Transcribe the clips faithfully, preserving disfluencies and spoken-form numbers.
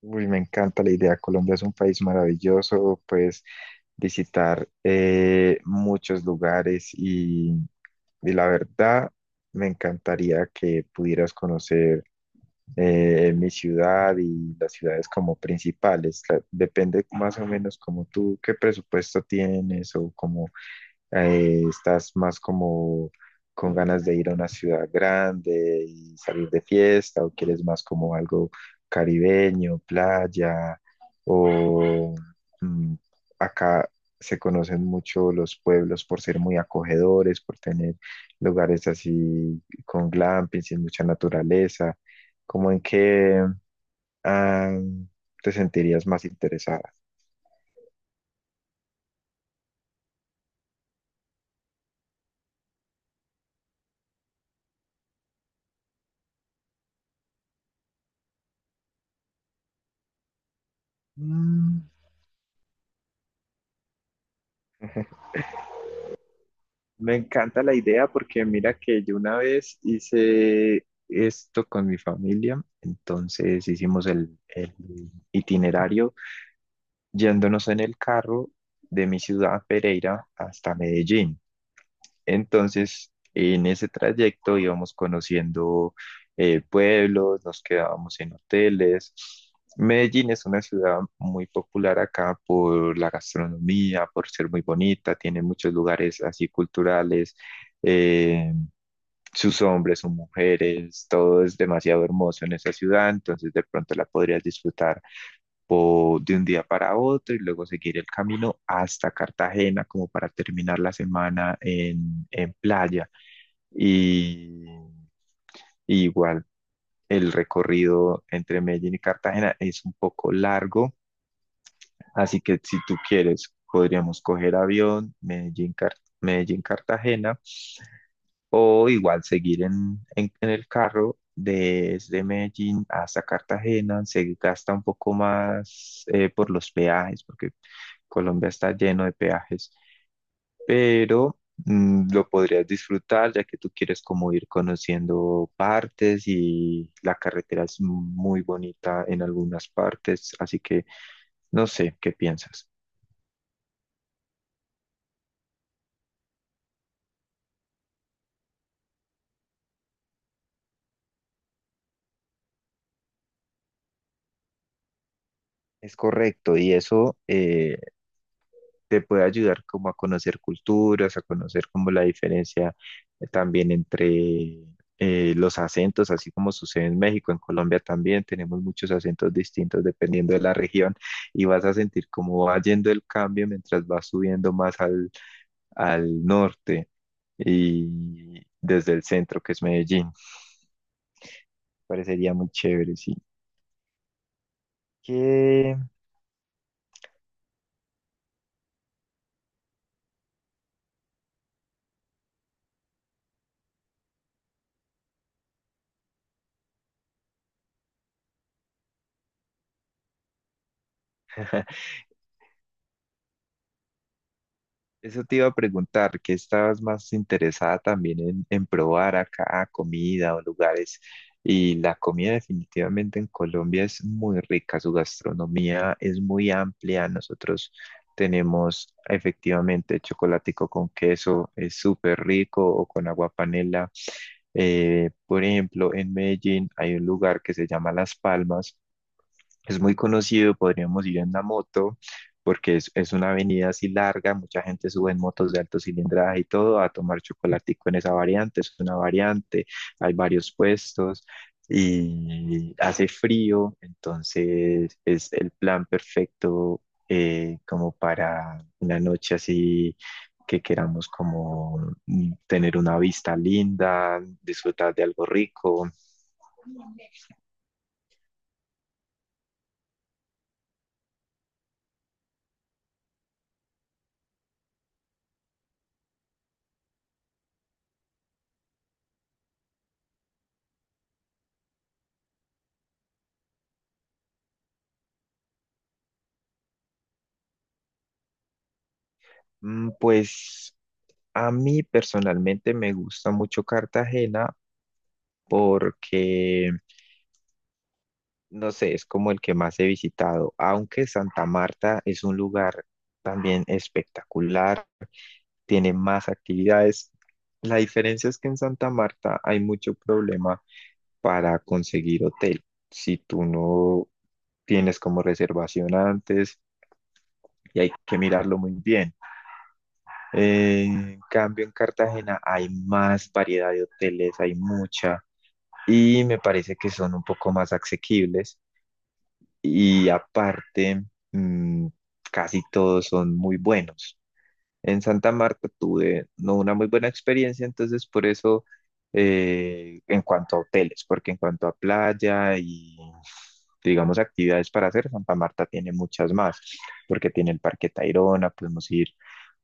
Uy, me encanta la idea. Colombia es un país maravilloso, puedes visitar eh, muchos lugares y, y la verdad me encantaría que pudieras conocer eh, mi ciudad y las ciudades como principales. La- depende más o menos como tú, qué presupuesto tienes o como eh, estás más como con ganas de ir a una ciudad grande y salir de fiesta, o quieres más como algo caribeño, playa, o mm, acá se conocen mucho los pueblos por ser muy acogedores, por tener lugares así con glamping, sin mucha naturaleza, como en que ah, te sentirías más interesada. Mm. Me encanta la idea porque mira que yo una vez hice esto con mi familia, entonces hicimos el, el itinerario yéndonos en el carro de mi ciudad Pereira hasta Medellín. Entonces, en ese trayecto íbamos conociendo eh, pueblos, nos quedábamos en hoteles. Medellín es una ciudad muy popular acá por la gastronomía, por ser muy bonita, tiene muchos lugares así culturales, eh, sus hombres, sus mujeres, todo es demasiado hermoso en esa ciudad, entonces de pronto la podrías disfrutar o de un día para otro y luego seguir el camino hasta Cartagena como para terminar la semana en, en playa. Y, y igual el recorrido entre Medellín y Cartagena es un poco largo, así que si tú quieres podríamos coger avión Medellín, Car- Medellín Cartagena o igual seguir en, en, en el carro. Desde Medellín hasta Cartagena se gasta un poco más eh, por los peajes, porque Colombia está lleno de peajes, pero mm, lo podrías disfrutar ya que tú quieres como ir conociendo partes y la carretera es muy bonita en algunas partes, así que no sé qué piensas. Es correcto, y eso eh, te puede ayudar como a conocer culturas, a conocer como la diferencia eh, también entre eh, los acentos, así como sucede en México, en Colombia también tenemos muchos acentos distintos dependiendo de la región y vas a sentir cómo va yendo el cambio mientras vas subiendo más al, al norte y desde el centro, que es Medellín. Parecería muy chévere, sí. ¿Qué? Eso te iba a preguntar, ¿qué estabas más interesada también en, en probar acá, comida o lugares? Y la comida definitivamente en Colombia es muy rica, su gastronomía es muy amplia. Nosotros tenemos efectivamente chocolatico con queso, es súper rico, o con agua panela. Eh, por ejemplo, en Medellín hay un lugar que se llama Las Palmas, es muy conocido, podríamos ir en la moto, porque es, es una avenida así larga, mucha gente sube en motos de alto cilindraje y todo a tomar chocolatico en esa variante, es una variante, hay varios puestos y hace frío, entonces es el plan perfecto eh, como para una noche así que queramos como mm, tener una vista linda, disfrutar de algo rico. Mm, Pues a mí personalmente me gusta mucho Cartagena porque, no sé, es como el que más he visitado, aunque Santa Marta es un lugar también espectacular, tiene más actividades. La diferencia es que en Santa Marta hay mucho problema para conseguir hotel. Si tú no tienes como reservación antes y hay que mirarlo muy bien. Eh, En cambio, en Cartagena hay más variedad de hoteles, hay mucha y me parece que son un poco más asequibles y aparte mm, casi todos son muy buenos. En Santa Marta tuve no una muy buena experiencia, entonces por eso eh, en cuanto a hoteles, porque en cuanto a playa y digamos actividades para hacer, Santa Marta tiene muchas más, porque tiene el Parque Tayrona, podemos ir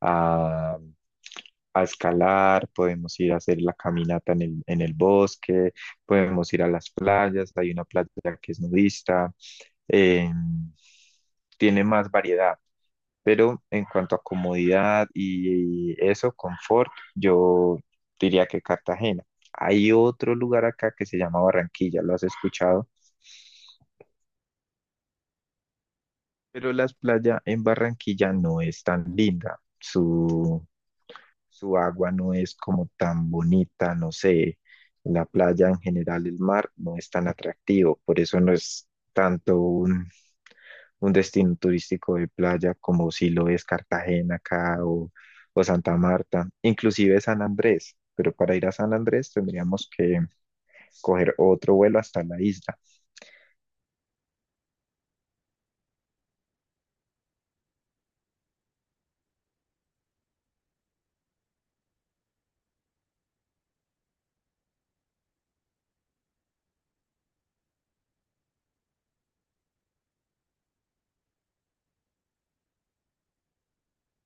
a a escalar, podemos ir a hacer la caminata en el, en el bosque, podemos ir a las playas, hay una playa que es nudista, eh, tiene más variedad, pero en cuanto a comodidad y eso, confort, yo diría que Cartagena. Hay otro lugar acá que se llama Barranquilla, ¿lo has escuchado? Pero las playas en Barranquilla no es tan linda. Su, su agua no es como tan bonita, no sé, la playa en general, el mar no es tan atractivo, por eso no es tanto un, un destino turístico de playa como si lo es Cartagena acá o, o Santa Marta, inclusive San Andrés, pero para ir a San Andrés tendríamos que coger otro vuelo hasta la isla.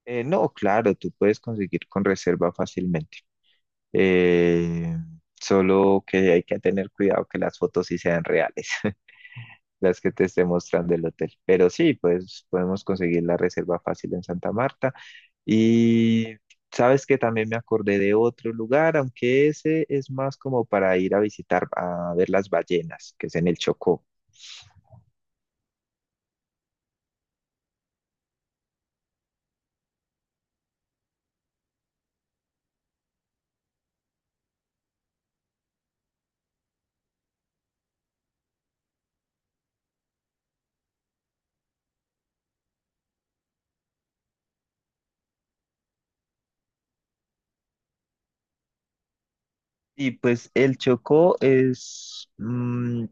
Eh, no, claro, tú puedes conseguir con reserva fácilmente. Eh, solo que hay que tener cuidado que las fotos sí sean reales. Las que te esté mostrando el hotel. Pero sí, pues podemos conseguir la reserva fácil en Santa Marta. Y sabes que también me acordé de otro lugar, aunque ese es más como para ir a visitar, a ver las ballenas, que es en el Chocó. Y pues el Chocó es mm,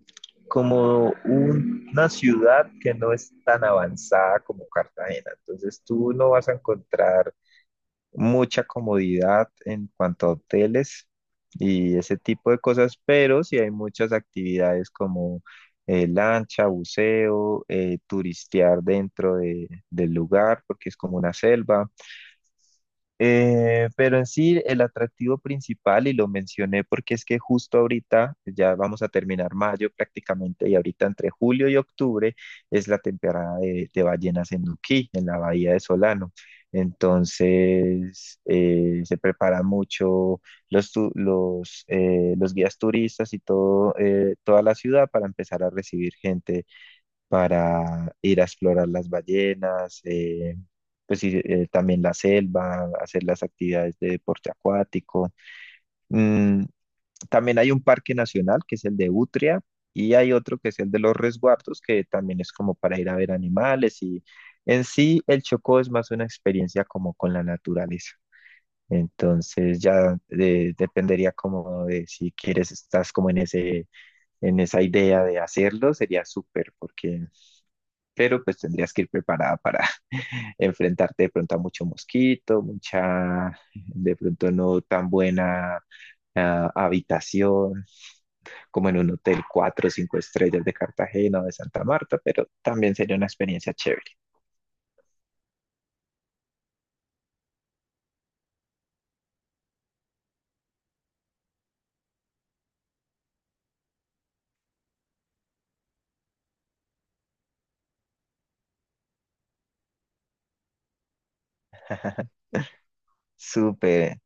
como un- una ciudad que no es tan avanzada como Cartagena. Entonces tú no vas a encontrar mucha comodidad en cuanto a hoteles y ese tipo de cosas, pero sí hay muchas actividades como eh, lancha, buceo, eh, turistear dentro de- del lugar, porque es como una selva. Eh, pero en sí, el atractivo principal, y lo mencioné porque es que justo ahorita, ya vamos a terminar mayo prácticamente, y ahorita entre julio y octubre es la temporada de, de ballenas en Nuquí, en la bahía de Solano. Entonces, eh, se preparan mucho los, tu- los, eh, los guías turistas y todo, eh, toda la ciudad para empezar a recibir gente para ir a explorar las ballenas, eh, pues sí, eh, también la selva, hacer las actividades de deporte acuático. Mm, también hay un parque nacional que es el de Utria y hay otro que es el de los resguardos que también es como para ir a ver animales y en sí el Chocó es más una experiencia como con la naturaleza. Entonces ya eh, dependería como de si quieres, estás como en ese, en esa idea de hacerlo, sería súper, porque pero pues tendrías que ir preparada para enfrentarte de pronto a mucho mosquito, mucha, de pronto no tan buena ah, habitación, como en un hotel cuatro o cinco estrellas de Cartagena o de Santa Marta, pero también sería una experiencia chévere. Súper.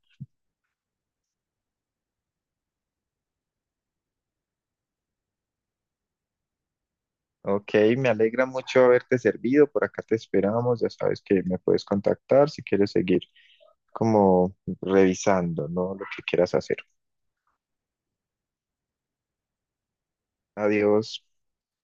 Ok, me alegra mucho haberte servido. Por acá te esperamos. Ya sabes que me puedes contactar si quieres seguir como revisando, ¿no? Lo que quieras hacer. Adiós.